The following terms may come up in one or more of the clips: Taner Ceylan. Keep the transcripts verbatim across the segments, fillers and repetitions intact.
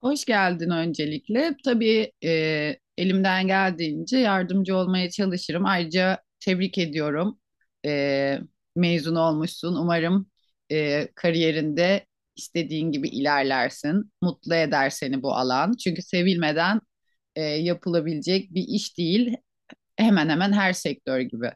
Hoş geldin öncelikle. Tabii, e, elimden geldiğince yardımcı olmaya çalışırım. Ayrıca tebrik ediyorum. E, Mezun olmuşsun. Umarım e, kariyerinde istediğin gibi ilerlersin. Mutlu eder seni bu alan. Çünkü sevilmeden e, yapılabilecek bir iş değil. Hemen hemen her sektör gibi.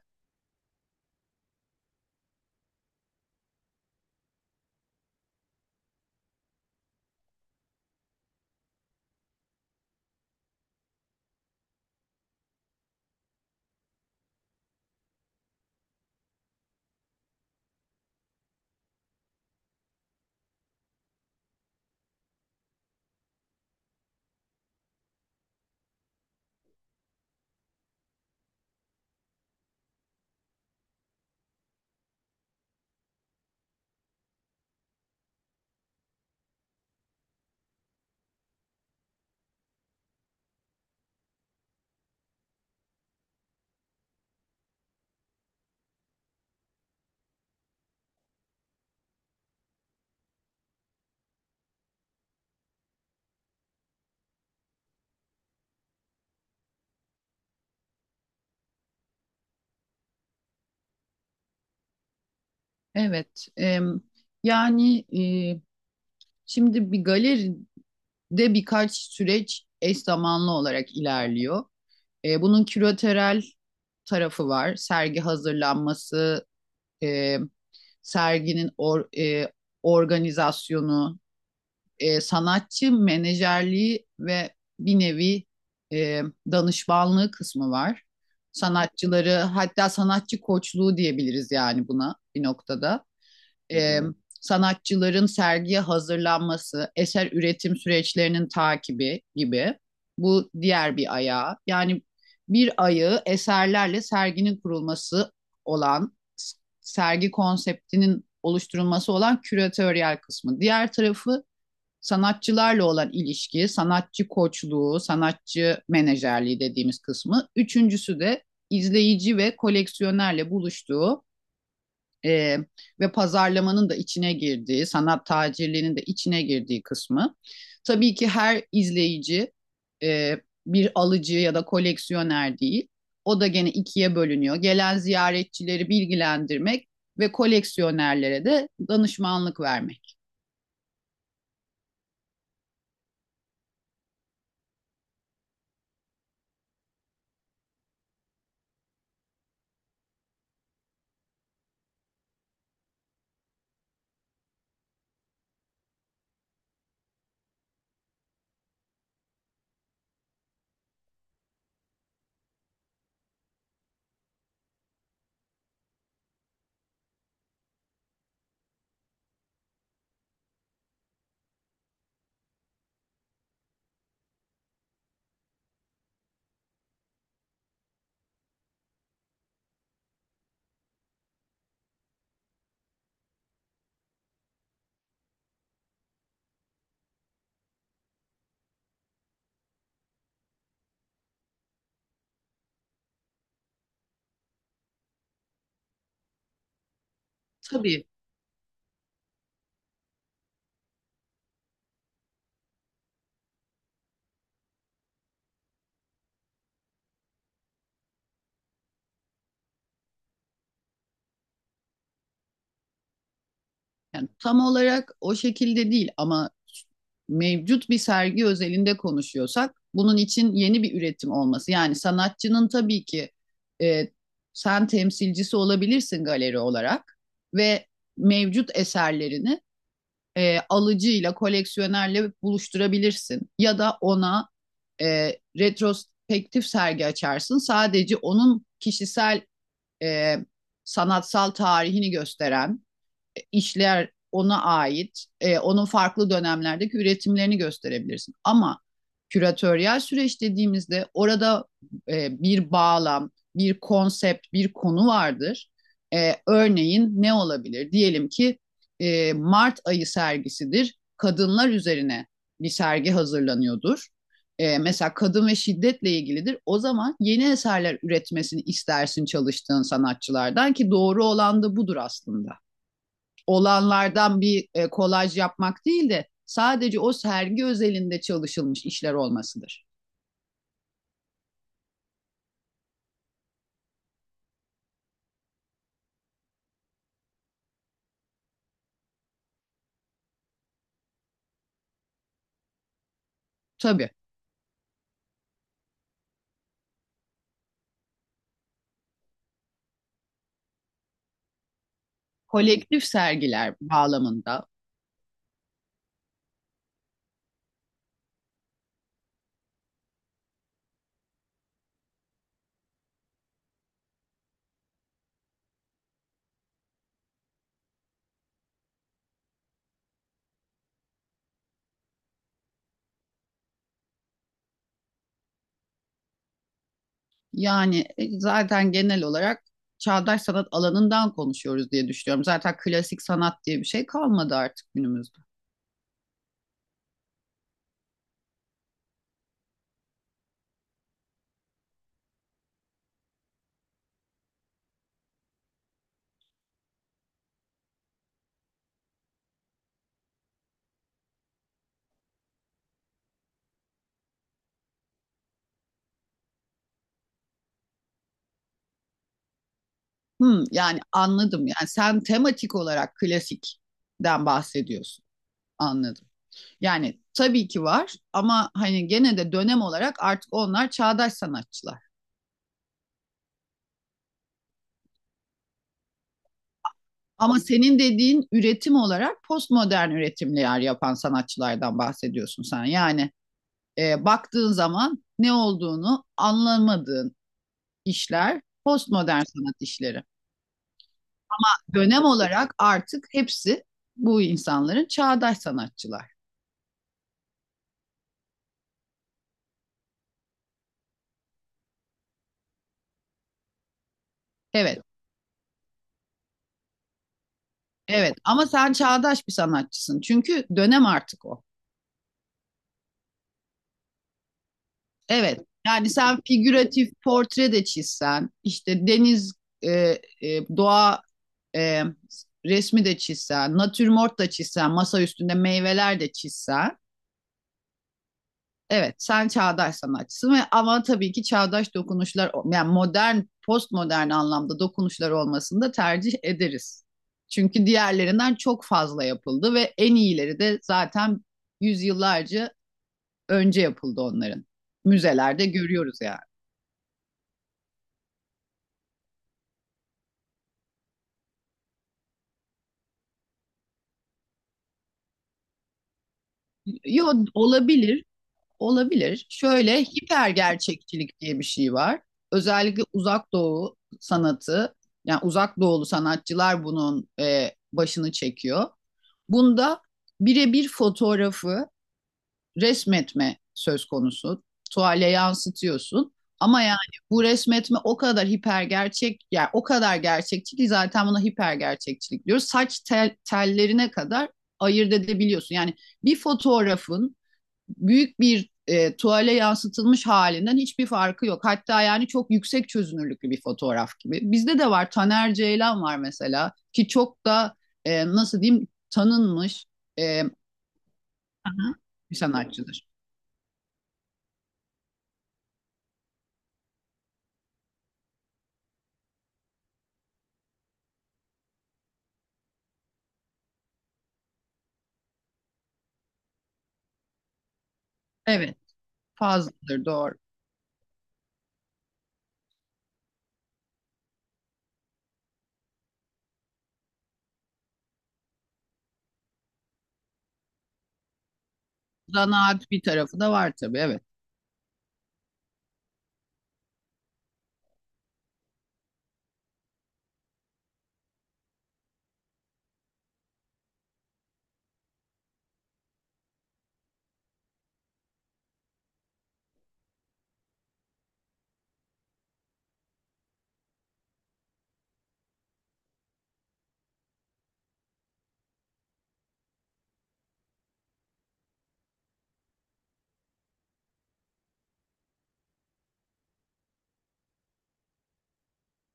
Evet. e, yani e, Şimdi bir galeride birkaç süreç eş zamanlı olarak ilerliyor. E, bunun küratörel tarafı var. Sergi hazırlanması, e, serginin or- e, organizasyonu, e, sanatçı menajerliği ve bir nevi e, danışmanlığı kısmı var. Sanatçıları, hatta sanatçı koçluğu diyebiliriz yani buna bir noktada. e, Sanatçıların sergiye hazırlanması, eser üretim süreçlerinin takibi gibi. Bu diğer bir ayağı. Yani bir ayı eserlerle serginin kurulması olan, sergi konseptinin oluşturulması olan küratöryel kısmı. Diğer tarafı sanatçılarla olan ilişki, sanatçı koçluğu, sanatçı menajerliği dediğimiz kısmı. Üçüncüsü de izleyici ve koleksiyonerle buluştuğu, e, ve pazarlamanın da içine girdiği, sanat tacirliğinin de içine girdiği kısmı. Tabii ki her izleyici e, bir alıcı ya da koleksiyoner değil. O da gene ikiye bölünüyor. Gelen ziyaretçileri bilgilendirmek ve koleksiyonerlere de danışmanlık vermek. Tabii. Yani tam olarak o şekilde değil ama mevcut bir sergi özelinde konuşuyorsak bunun için yeni bir üretim olması. Yani sanatçının tabii ki, e, sen temsilcisi olabilirsin galeri olarak ve mevcut eserlerini e, alıcıyla, koleksiyonerle buluşturabilirsin. Ya da ona e, retrospektif sergi açarsın. Sadece onun kişisel e, sanatsal tarihini gösteren işler ona ait, e, onun farklı dönemlerdeki üretimlerini gösterebilirsin. Ama küratöryel süreç dediğimizde orada e, bir bağlam, bir konsept, bir konu vardır. E, örneğin ne olabilir? Diyelim ki e, Mart ayı sergisidir. Kadınlar üzerine bir sergi hazırlanıyordur. E, mesela kadın ve şiddetle ilgilidir. O zaman yeni eserler üretmesini istersin çalıştığın sanatçılardan, ki doğru olan da budur aslında, olanlardan bir e, kolaj yapmak değil de sadece o sergi özelinde çalışılmış işler olmasıdır. Tabii, kolektif sergiler bağlamında. Yani e, zaten genel olarak çağdaş sanat alanından konuşuyoruz diye düşünüyorum. Zaten klasik sanat diye bir şey kalmadı artık günümüzde. Hmm, yani anladım. Yani sen tematik olarak klasikten bahsediyorsun. Anladım. Yani tabii ki var ama hani gene de dönem olarak artık onlar çağdaş sanatçılar. Ama senin dediğin üretim olarak postmodern üretimler yapan sanatçılardan bahsediyorsun sen. Yani e, baktığın zaman ne olduğunu anlamadığın işler postmodern sanat işleri. Dönem olarak artık hepsi bu insanların çağdaş sanatçılar. Evet, evet ama sen çağdaş bir sanatçısın. Çünkü dönem artık o. Evet, yani sen figüratif portre de çizsen, işte deniz, e, e, doğa e, resmi de çizsen, natürmort da çizsen, masa üstünde meyveler de çizsen. Evet, sen çağdaş sanatçısın ve ama tabii ki çağdaş dokunuşlar, yani modern, postmodern anlamda dokunuşlar olmasını da tercih ederiz. Çünkü diğerlerinden çok fazla yapıldı ve en iyileri de zaten yüzyıllarca önce yapıldı onların. Müzelerde görüyoruz yani. Yo, olabilir. Olabilir. Şöyle hiper gerçekçilik diye bir şey var. Özellikle uzak doğu sanatı, yani uzak doğulu sanatçılar bunun e, başını çekiyor. Bunda birebir fotoğrafı resmetme söz konusu. Tuvale yansıtıyorsun. Ama yani bu resmetme o kadar hiper gerçek, yani o kadar gerçekçi ki zaten buna hiper gerçekçilik diyoruz. Saç tel- tellerine kadar ayırt edebiliyorsun. Yani bir fotoğrafın büyük bir e, tuvale yansıtılmış halinden hiçbir farkı yok. Hatta yani çok yüksek çözünürlüklü bir fotoğraf gibi. Bizde de var, Taner Ceylan var mesela, ki çok da e, nasıl diyeyim, tanınmış e, bir sanatçıdır. Evet, fazladır, doğru. Zanaat bir tarafı da var tabii, evet.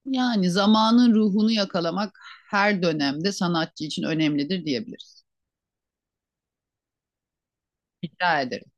Yani zamanın ruhunu yakalamak her dönemde sanatçı için önemlidir diyebiliriz. Rica ederim.